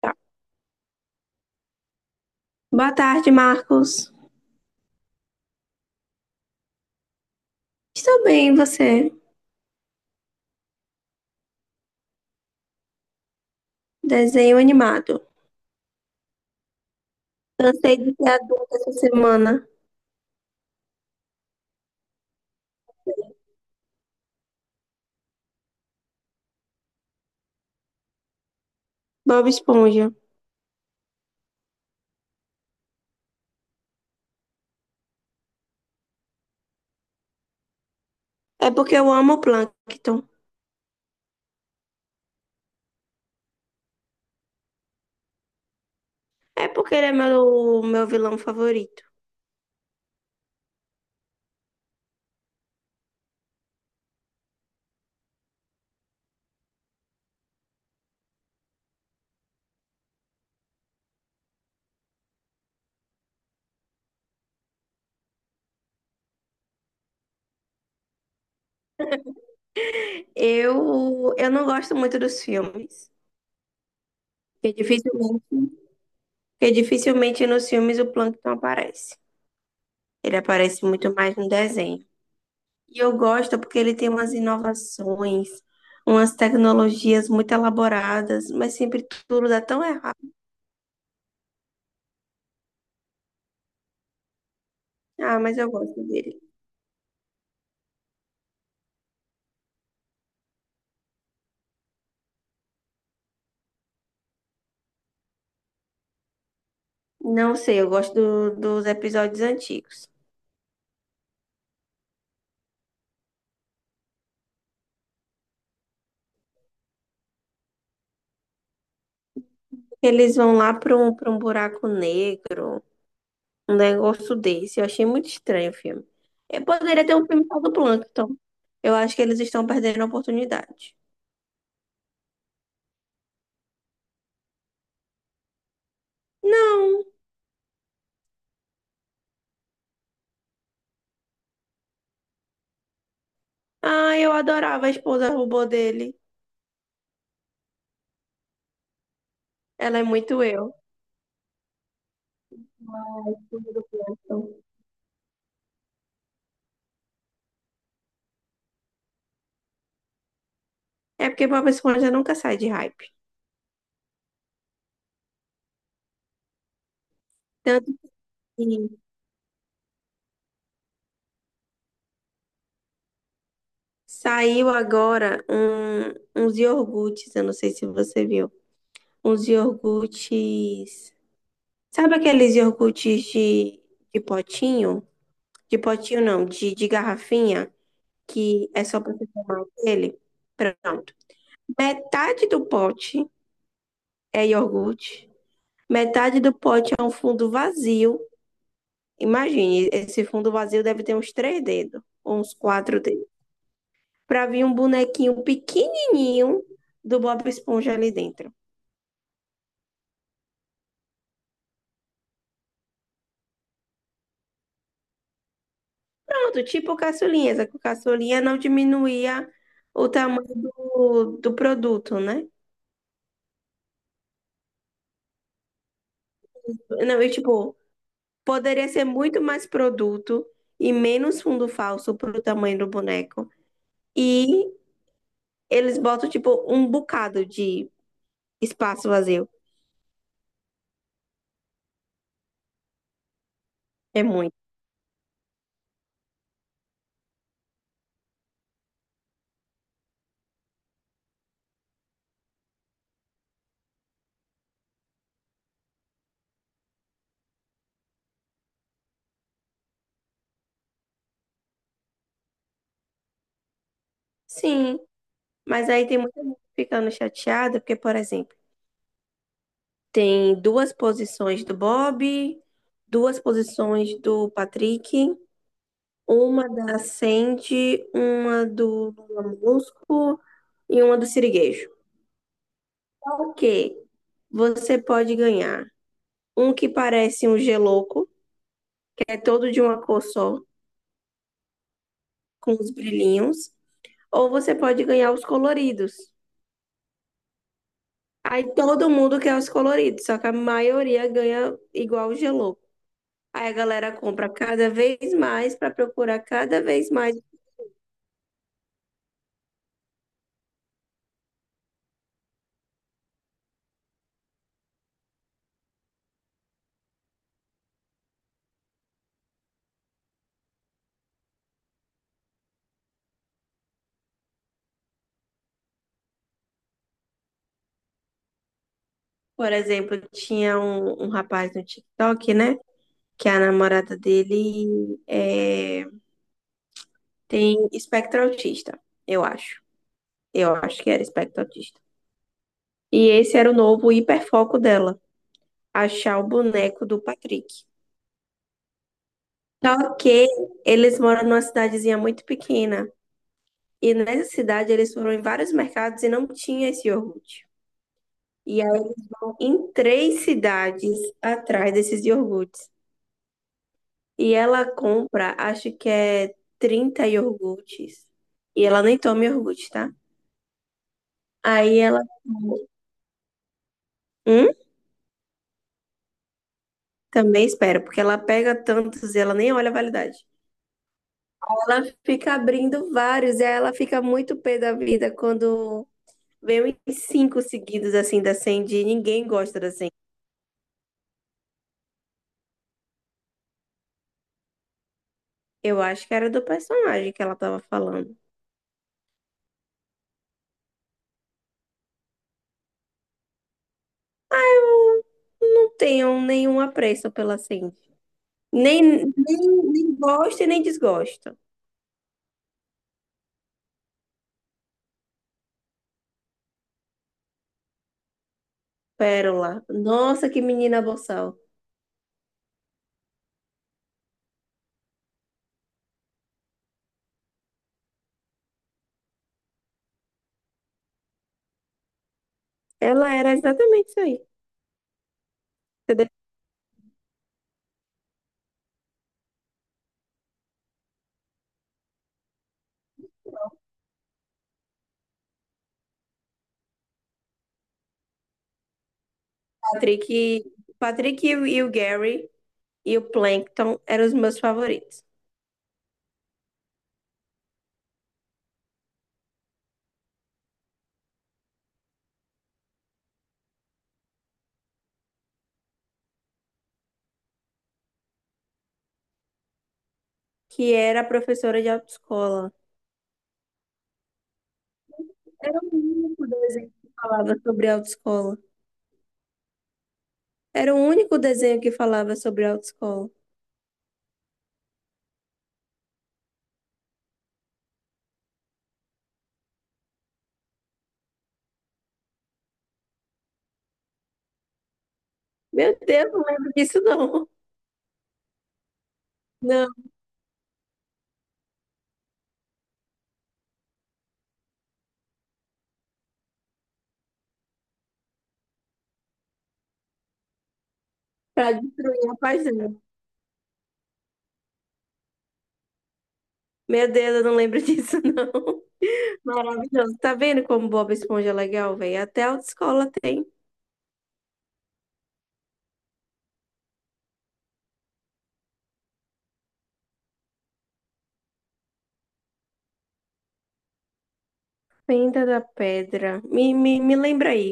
Tá. Boa tarde, Marcos. Estou bem, e você? Desenho animado. Cansei de ser adulta essa semana. Bob Esponja. É porque eu amo o Plankton. É porque ele é meu vilão favorito. Eu não gosto muito dos filmes. Porque dificilmente, porque dificilmente nos filmes o Plankton aparece. Ele aparece muito mais no desenho. E eu gosto porque ele tem umas inovações, umas tecnologias muito elaboradas, mas sempre tudo dá tão errado. Ah, mas eu gosto dele. Não sei, eu gosto dos episódios antigos. Eles vão lá para para um buraco negro, um negócio desse. Eu achei muito estranho o filme. Eu poderia ter um filme só do Plankton. Eu acho que eles estão perdendo a oportunidade. Não. Ah, eu adorava a esposa robô dele. Ela é muito eu. A esposa do Plankton. É porque Bob Esponja nunca sai de hype. Tanto que saiu agora uns iogurtes, eu não sei se você viu. Uns iogurtes. Sabe aqueles iogurtes de potinho? De potinho não, de garrafinha, que é só pra você tomar ele. Pronto. Metade do pote é iogurte, metade do pote é um fundo vazio. Imagine, esse fundo vazio deve ter uns três dedos, ou uns quatro dedos, pra vir um bonequinho pequenininho do Bob Esponja ali dentro. Pronto, tipo caçulinha, só que o caçulinha não diminuía o tamanho do produto, né? Não, e tipo, poderia ser muito mais produto e menos fundo falso pro tamanho do boneco. E eles botam, tipo, um bocado de espaço vazio. É muito. Sim, mas aí tem muita gente ficando chateada, porque, por exemplo, tem duas posições do Bob, duas posições do Patrick. Uma da Sandy, uma do Lula Molusco e uma do Siriguejo. O que você pode ganhar? Um que parece um geloco, que é todo de uma cor só, com os brilhinhos. Ou você pode ganhar os coloridos. Aí todo mundo quer os coloridos, só que a maioria ganha igual o geloco. Aí a galera compra cada vez mais para procurar cada vez mais. Por exemplo, tinha um rapaz no TikTok, né? Que a namorada dele é, tem espectro autista, eu acho. Eu acho que era espectro autista. E esse era o novo hiperfoco dela, achar o boneco do Patrick. Só que eles moram numa cidadezinha muito pequena. E nessa cidade eles foram em vários mercados e não tinha esse iogurte. E aí, em três cidades atrás desses iogurtes. E ela compra, acho que é 30 iogurtes. E ela nem toma iogurte, tá? Aí ela. Hum? Também espera, porque ela pega tantos e ela nem olha a validade. Ela fica abrindo vários e aí ela fica muito pé da vida quando vem uns cinco seguidos assim da Sandy e ninguém gosta da Sandy. Eu acho que era do personagem que ela tava falando. Não tenho nenhum apreço pela Sandy. Nem, nem gosto e nem desgosto. Pérola. Nossa, que menina boçal. Ela era exatamente isso aí. Você o Patrick, Patrick e o Gary e o Plankton eram os meus favoritos, que era a professora de autoescola. Era o único desenho que falava sobre autoescola. Era o único desenho que falava sobre autoescola. Meu Deus, não lembro disso não. Não, para destruir a paixão. Meu Deus, eu não lembro disso não. Maravilhoso. Tá vendo como Bob Esponja é legal, velho? Até a autoescola tem. Fenda da Pedra. Me lembra aí.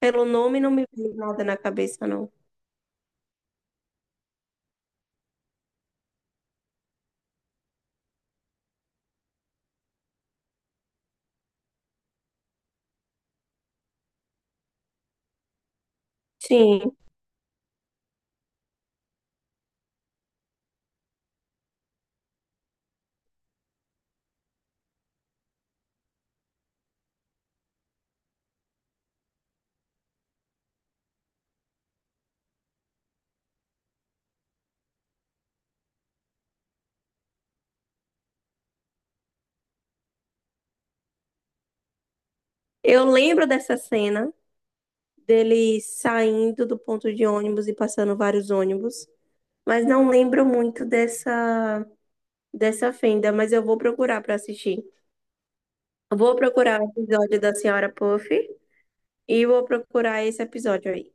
Pelo nome não me vem nada na cabeça, não. Sim, eu lembro dessa cena dele saindo do ponto de ônibus e passando vários ônibus. Mas não lembro muito dessa fenda, mas eu vou procurar para assistir. Eu vou procurar o episódio da Senhora Puff e vou procurar esse episódio aí.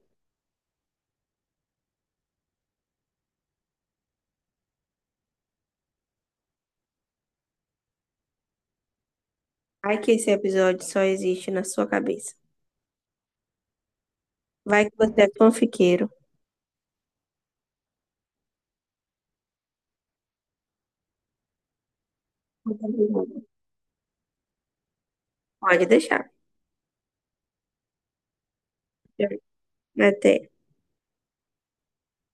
Ai que esse episódio só existe na sua cabeça. Vai que você é fanfiqueiro. Pode deixar. Até.